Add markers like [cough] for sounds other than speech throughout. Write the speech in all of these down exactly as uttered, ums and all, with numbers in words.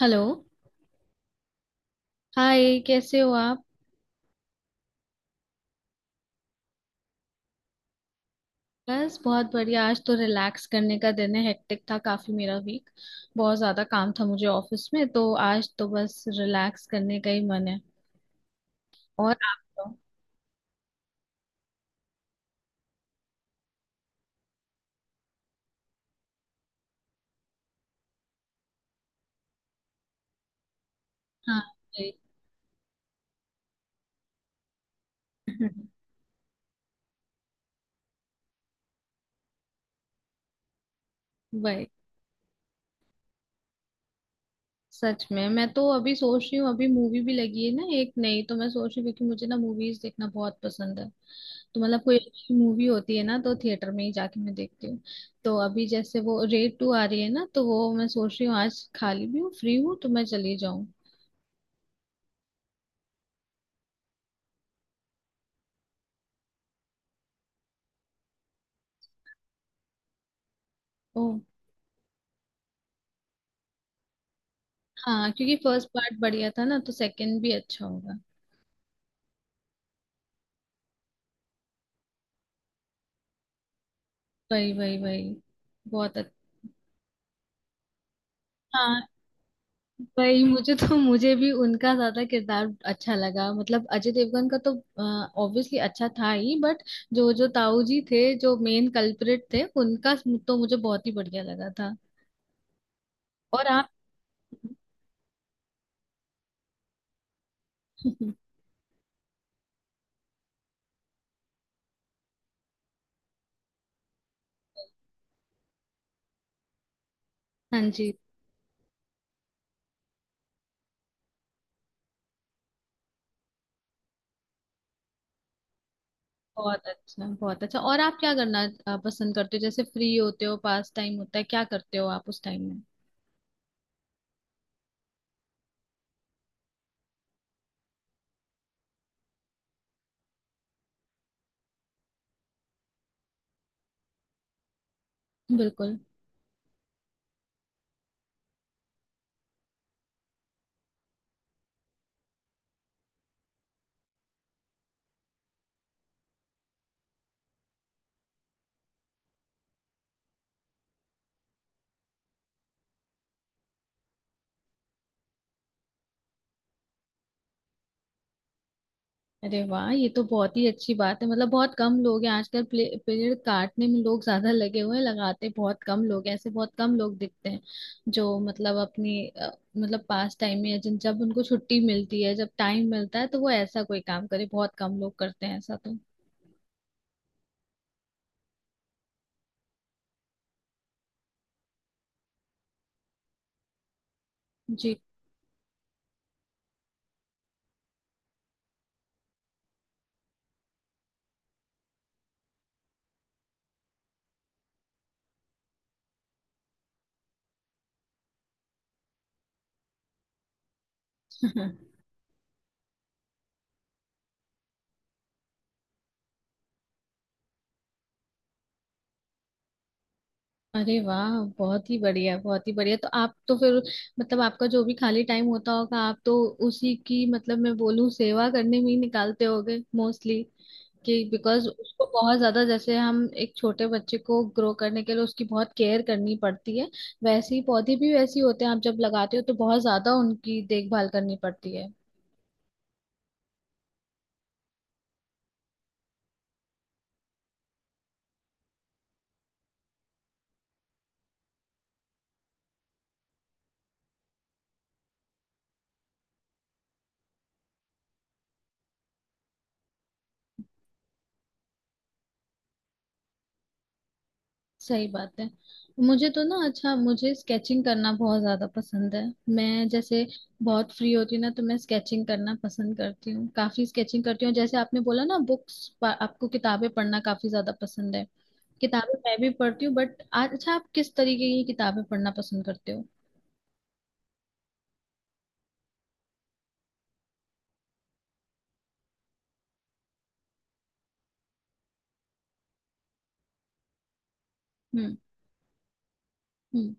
Hello. Hi, कैसे हो आप? बस बहुत बढ़िया। आज तो रिलैक्स करने का दिन है। हेक्टिक था काफी मेरा वीक। बहुत ज्यादा काम था मुझे ऑफिस में, तो आज तो बस रिलैक्स करने का ही मन है। और आप तो? हाँ, वही। [laughs] वही। सच में, मैं तो अभी सोच रही हूँ, अभी मूवी भी लगी है ना एक नई, तो मैं सोच रही हूँ, क्योंकि मुझे ना मूवीज देखना बहुत पसंद है। तो मतलब कोई अच्छी मूवी होती है ना, तो थिएटर में ही जाके मैं देखती हूँ। तो अभी जैसे वो रेड टू आ रही है ना, तो वो मैं सोच रही हूँ, आज खाली भी हूँ, फ्री हूँ, तो मैं चली जाऊँ। ओ। हाँ, क्योंकि फर्स्ट पार्ट बढ़िया था ना, तो सेकंड भी अच्छा होगा। वही, वही, वही। बहुत अच्छा। हाँ। वही। मुझे तो मुझे भी उनका ज्यादा किरदार अच्छा लगा। मतलब अजय देवगन का तो ऑब्वियसली अच्छा था ही, बट जो जो ताऊ जी थे, जो मेन कल्प्रिट थे, उनका तो मुझे बहुत ही बढ़िया लगा था। और आप? [laughs] हाँ जी। बहुत अच्छा, बहुत अच्छा। और आप क्या करना अ, पसंद करते हो? जैसे फ्री होते हो, पास टाइम होता है, क्या करते हो आप उस टाइम में? बिल्कुल। अरे वाह, ये तो बहुत ही अच्छी बात है। मतलब बहुत कम लोग हैं आजकल। प्ले- पेड़ काटने में लोग ज्यादा लगे हुए हैं, लगाते बहुत कम लोग हैं। ऐसे बहुत कम लोग दिखते हैं जो मतलब अपनी अ, मतलब पास टाइम में, या जिन जब उनको छुट्टी मिलती है, जब टाइम मिलता है, तो वो ऐसा कोई काम करे, बहुत कम लोग करते हैं ऐसा तो। जी। [laughs] अरे वाह, बहुत ही बढ़िया, बहुत ही बढ़िया। तो आप तो फिर, मतलब आपका जो भी खाली टाइम होता होगा, आप तो उसी की, मतलब मैं बोलूं, सेवा करने में ही निकालते होगे मोस्टली। कि बिकॉज उसको बहुत ज्यादा, जैसे हम एक छोटे बच्चे को ग्रो करने के लिए उसकी बहुत केयर करनी पड़ती है, वैसे ही पौधे भी वैसे ही होते हैं। आप जब लगाते हो तो बहुत ज्यादा उनकी देखभाल करनी पड़ती है। सही बात है। मुझे तो ना, अच्छा, मुझे स्केचिंग करना बहुत ज्यादा पसंद है। मैं जैसे बहुत फ्री होती हूँ ना, तो मैं स्केचिंग करना पसंद करती हूँ, काफी स्केचिंग करती हूँ। जैसे आपने बोला ना, बुक्स, आपको किताबें पढ़ना काफी ज्यादा पसंद है। किताबें मैं भी पढ़ती हूँ, बट अच्छा, आप किस तरीके की किताबें पढ़ना पसंद करते हो? हम्म। हम्म।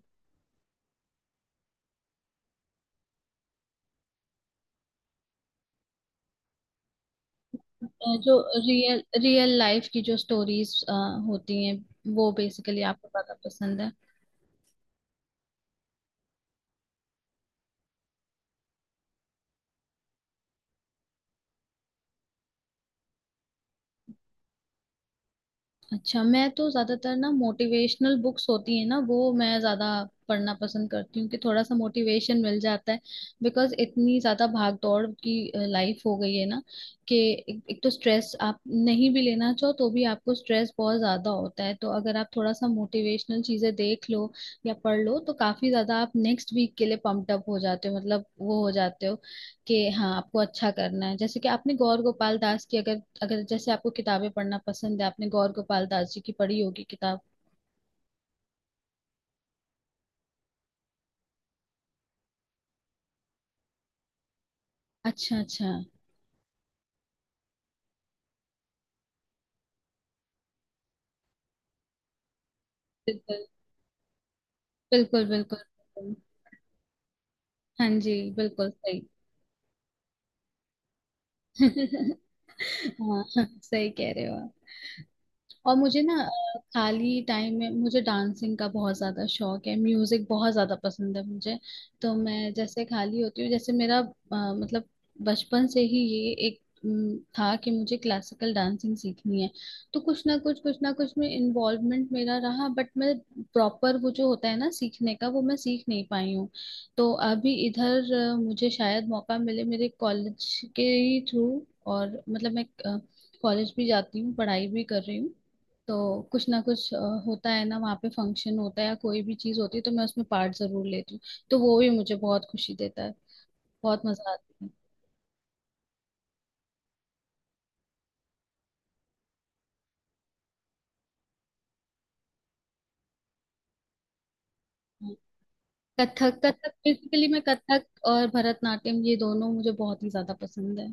अ, जो रियल रियल लाइफ की जो स्टोरीज होती हैं, वो बेसिकली आपको ज्यादा पसंद है? अच्छा, मैं तो ज्यादातर ना, मोटिवेशनल बुक्स होती है ना, वो मैं ज्यादा पढ़ना पसंद करती हूँ, कि थोड़ा सा मोटिवेशन मिल जाता है। बिकॉज इतनी ज्यादा भाग दौड़ की लाइफ हो गई है ना, कि एक, एक तो स्ट्रेस आप नहीं भी लेना चाहो तो भी आपको स्ट्रेस बहुत ज्यादा होता है, तो अगर आप थोड़ा सा मोटिवेशनल चीजें देख लो या पढ़ लो, तो काफी ज्यादा आप नेक्स्ट वीक के लिए पम्प्ड अप हो जाते हो, मतलब वो हो जाते हो कि हाँ, आपको अच्छा करना है। जैसे कि आपने गौर गोपाल दास की, अगर अगर जैसे आपको किताबें पढ़ना पसंद है, आपने गौर गोपाल दास जी की पढ़ी होगी किताब। अच्छा, अच्छा। बिल्कुल, बिल्कुल, बिल्कुल। हाँ जी, बिल्कुल सही। [laughs] हाँ। सही कह रहे हो आप। और मुझे ना अ, खाली टाइम में मुझे डांसिंग का बहुत ज़्यादा शौक है, म्यूज़िक बहुत ज़्यादा पसंद है मुझे। तो मैं जैसे खाली होती हूँ, जैसे मेरा अ, मतलब बचपन से ही ये एक अम, था कि मुझे क्लासिकल डांसिंग सीखनी है। तो कुछ ना कुछ कुछ ना कुछ में इन्वॉल्वमेंट मेरा रहा, बट मैं प्रॉपर वो जो होता है ना सीखने का, वो मैं सीख नहीं पाई हूँ। तो अभी इधर अ, मुझे शायद मौका मिले मेरे कॉलेज के ही थ्रू। और मतलब मैं अ, कॉलेज भी जाती हूँ, पढ़ाई भी कर रही हूँ। तो कुछ ना कुछ अ, होता है ना वहाँ पे, फंक्शन होता है या कोई भी चीज होती है, तो मैं उसमें पार्ट जरूर लेती हूँ। तो वो भी मुझे बहुत खुशी देता है। बहुत मजा आता है। हाँ। कथक, कथक, बेसिकली मैं कथक और भरतनाट्यम, ये दोनों मुझे बहुत ही ज्यादा पसंद है।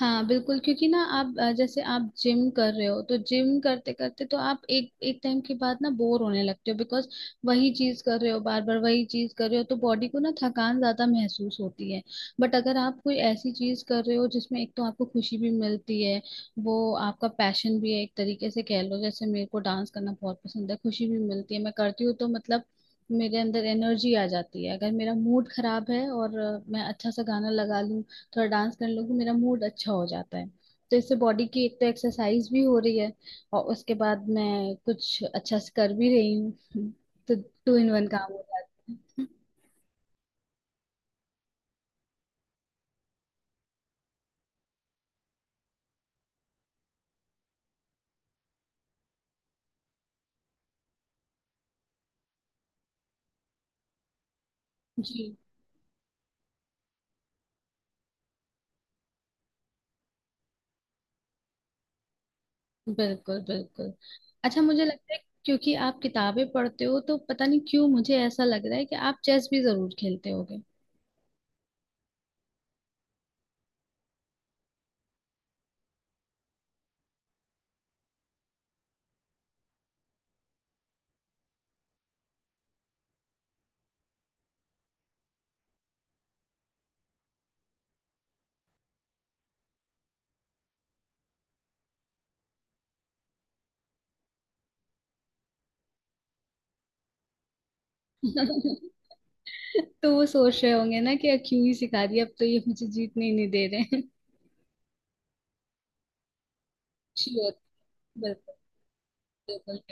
हाँ बिल्कुल, क्योंकि ना आप अ, जैसे आप जिम कर रहे हो, तो जिम करते करते तो आप एक एक टाइम के बाद ना बोर होने लगते हो, बिकॉज वही चीज कर रहे हो, बार बार वही चीज कर रहे हो, तो बॉडी को ना थकान ज्यादा महसूस होती है। बट अगर आप कोई ऐसी चीज कर रहे हो जिसमें एक तो आपको खुशी भी मिलती है, वो आपका पैशन भी है एक तरीके से कह लो, जैसे मेरे को डांस करना बहुत पसंद है, खुशी भी मिलती है, मैं करती हूँ, तो मतलब मेरे अंदर एनर्जी आ जाती है। अगर मेरा मूड खराब है और अ, मैं अच्छा सा गाना लगा लूँ, थोड़ा डांस कर लूँ, मेरा मूड अच्छा हो जाता है। तो इससे बॉडी की एक तो एक्सरसाइज भी हो रही है, और उसके बाद मैं कुछ अच्छा से कर भी रही हूँ। तो टू इन वन काम हो जाता है। जी, बिल्कुल, बिल्कुल। अच्छा, मुझे लगता है, क्योंकि आप किताबें पढ़ते हो, तो पता नहीं क्यों मुझे ऐसा लग रहा है कि आप चेस भी जरूर खेलते होगे। [laughs] तो वो सोच रहे होंगे ना कि क्यों ही सिखा दिया, अब तो ये मुझे जीतने ही नहीं दे रहे हैं। [laughs] श्योर, बिल्कुल, बिल्कुल।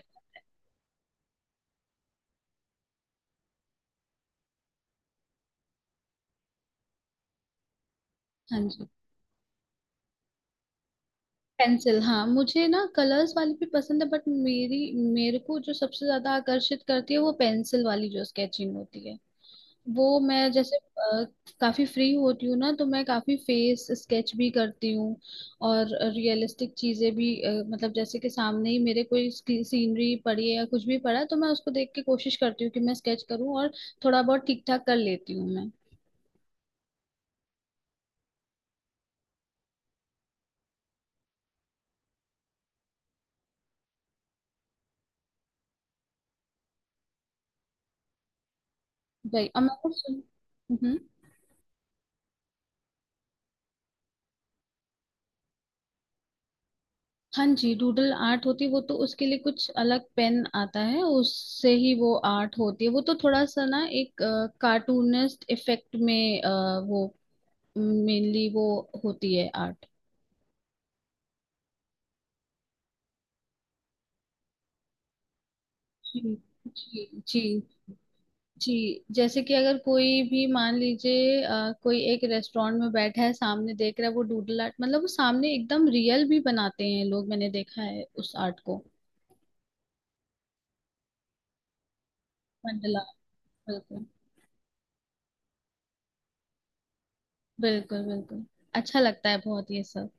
हाँ जी। पेंसिल। हाँ, मुझे ना कलर्स वाली भी पसंद है, बट मेरी, मेरे को जो सबसे ज्यादा आकर्षित करती है वो पेंसिल वाली जो स्केचिंग होती है, वो मैं जैसे अ, काफी फ्री होती हूँ ना, तो मैं काफी फेस स्केच भी करती हूँ। और रियलिस्टिक चीजें भी अ, मतलब जैसे कि सामने ही मेरे कोई सीनरी पड़ी है या कुछ भी पड़ा है, तो मैं उसको देख के कोशिश करती हूँ कि मैं स्केच करूँ, और थोड़ा बहुत ठीक ठाक कर लेती हूँ मैं। भाई, और मैं कुछ। हाँ जी, डूडल आर्ट होती है वो तो। उसके लिए कुछ अलग पेन आता है, उससे ही वो आर्ट होती है। वो तो थोड़ा सा ना, एक कार्टूनिस्ट इफेक्ट में अ, वो मेनली वो होती है आर्ट। जी, जी। जी, जी जैसे कि अगर कोई भी मान लीजिए, अ, कोई एक रेस्टोरेंट में बैठा है, सामने देख रहा है, वो डूडल आर्ट, मतलब वो सामने एकदम रियल भी बनाते हैं लोग, मैंने देखा है उस आर्ट को। मंडला। बिल्कुल, बिल्कुल, बिल्कुल। अच्छा लगता है बहुत ये सब।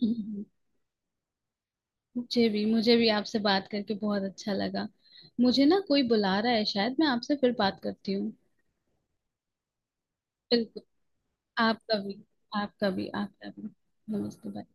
[laughs] मुझे भी, मुझे भी आपसे बात करके बहुत अच्छा लगा। मुझे ना कोई बुला रहा है, शायद मैं आपसे फिर बात करती हूँ। बिल्कुल। आपका भी, आपका भी। आपका भी। नमस्ते, बाय।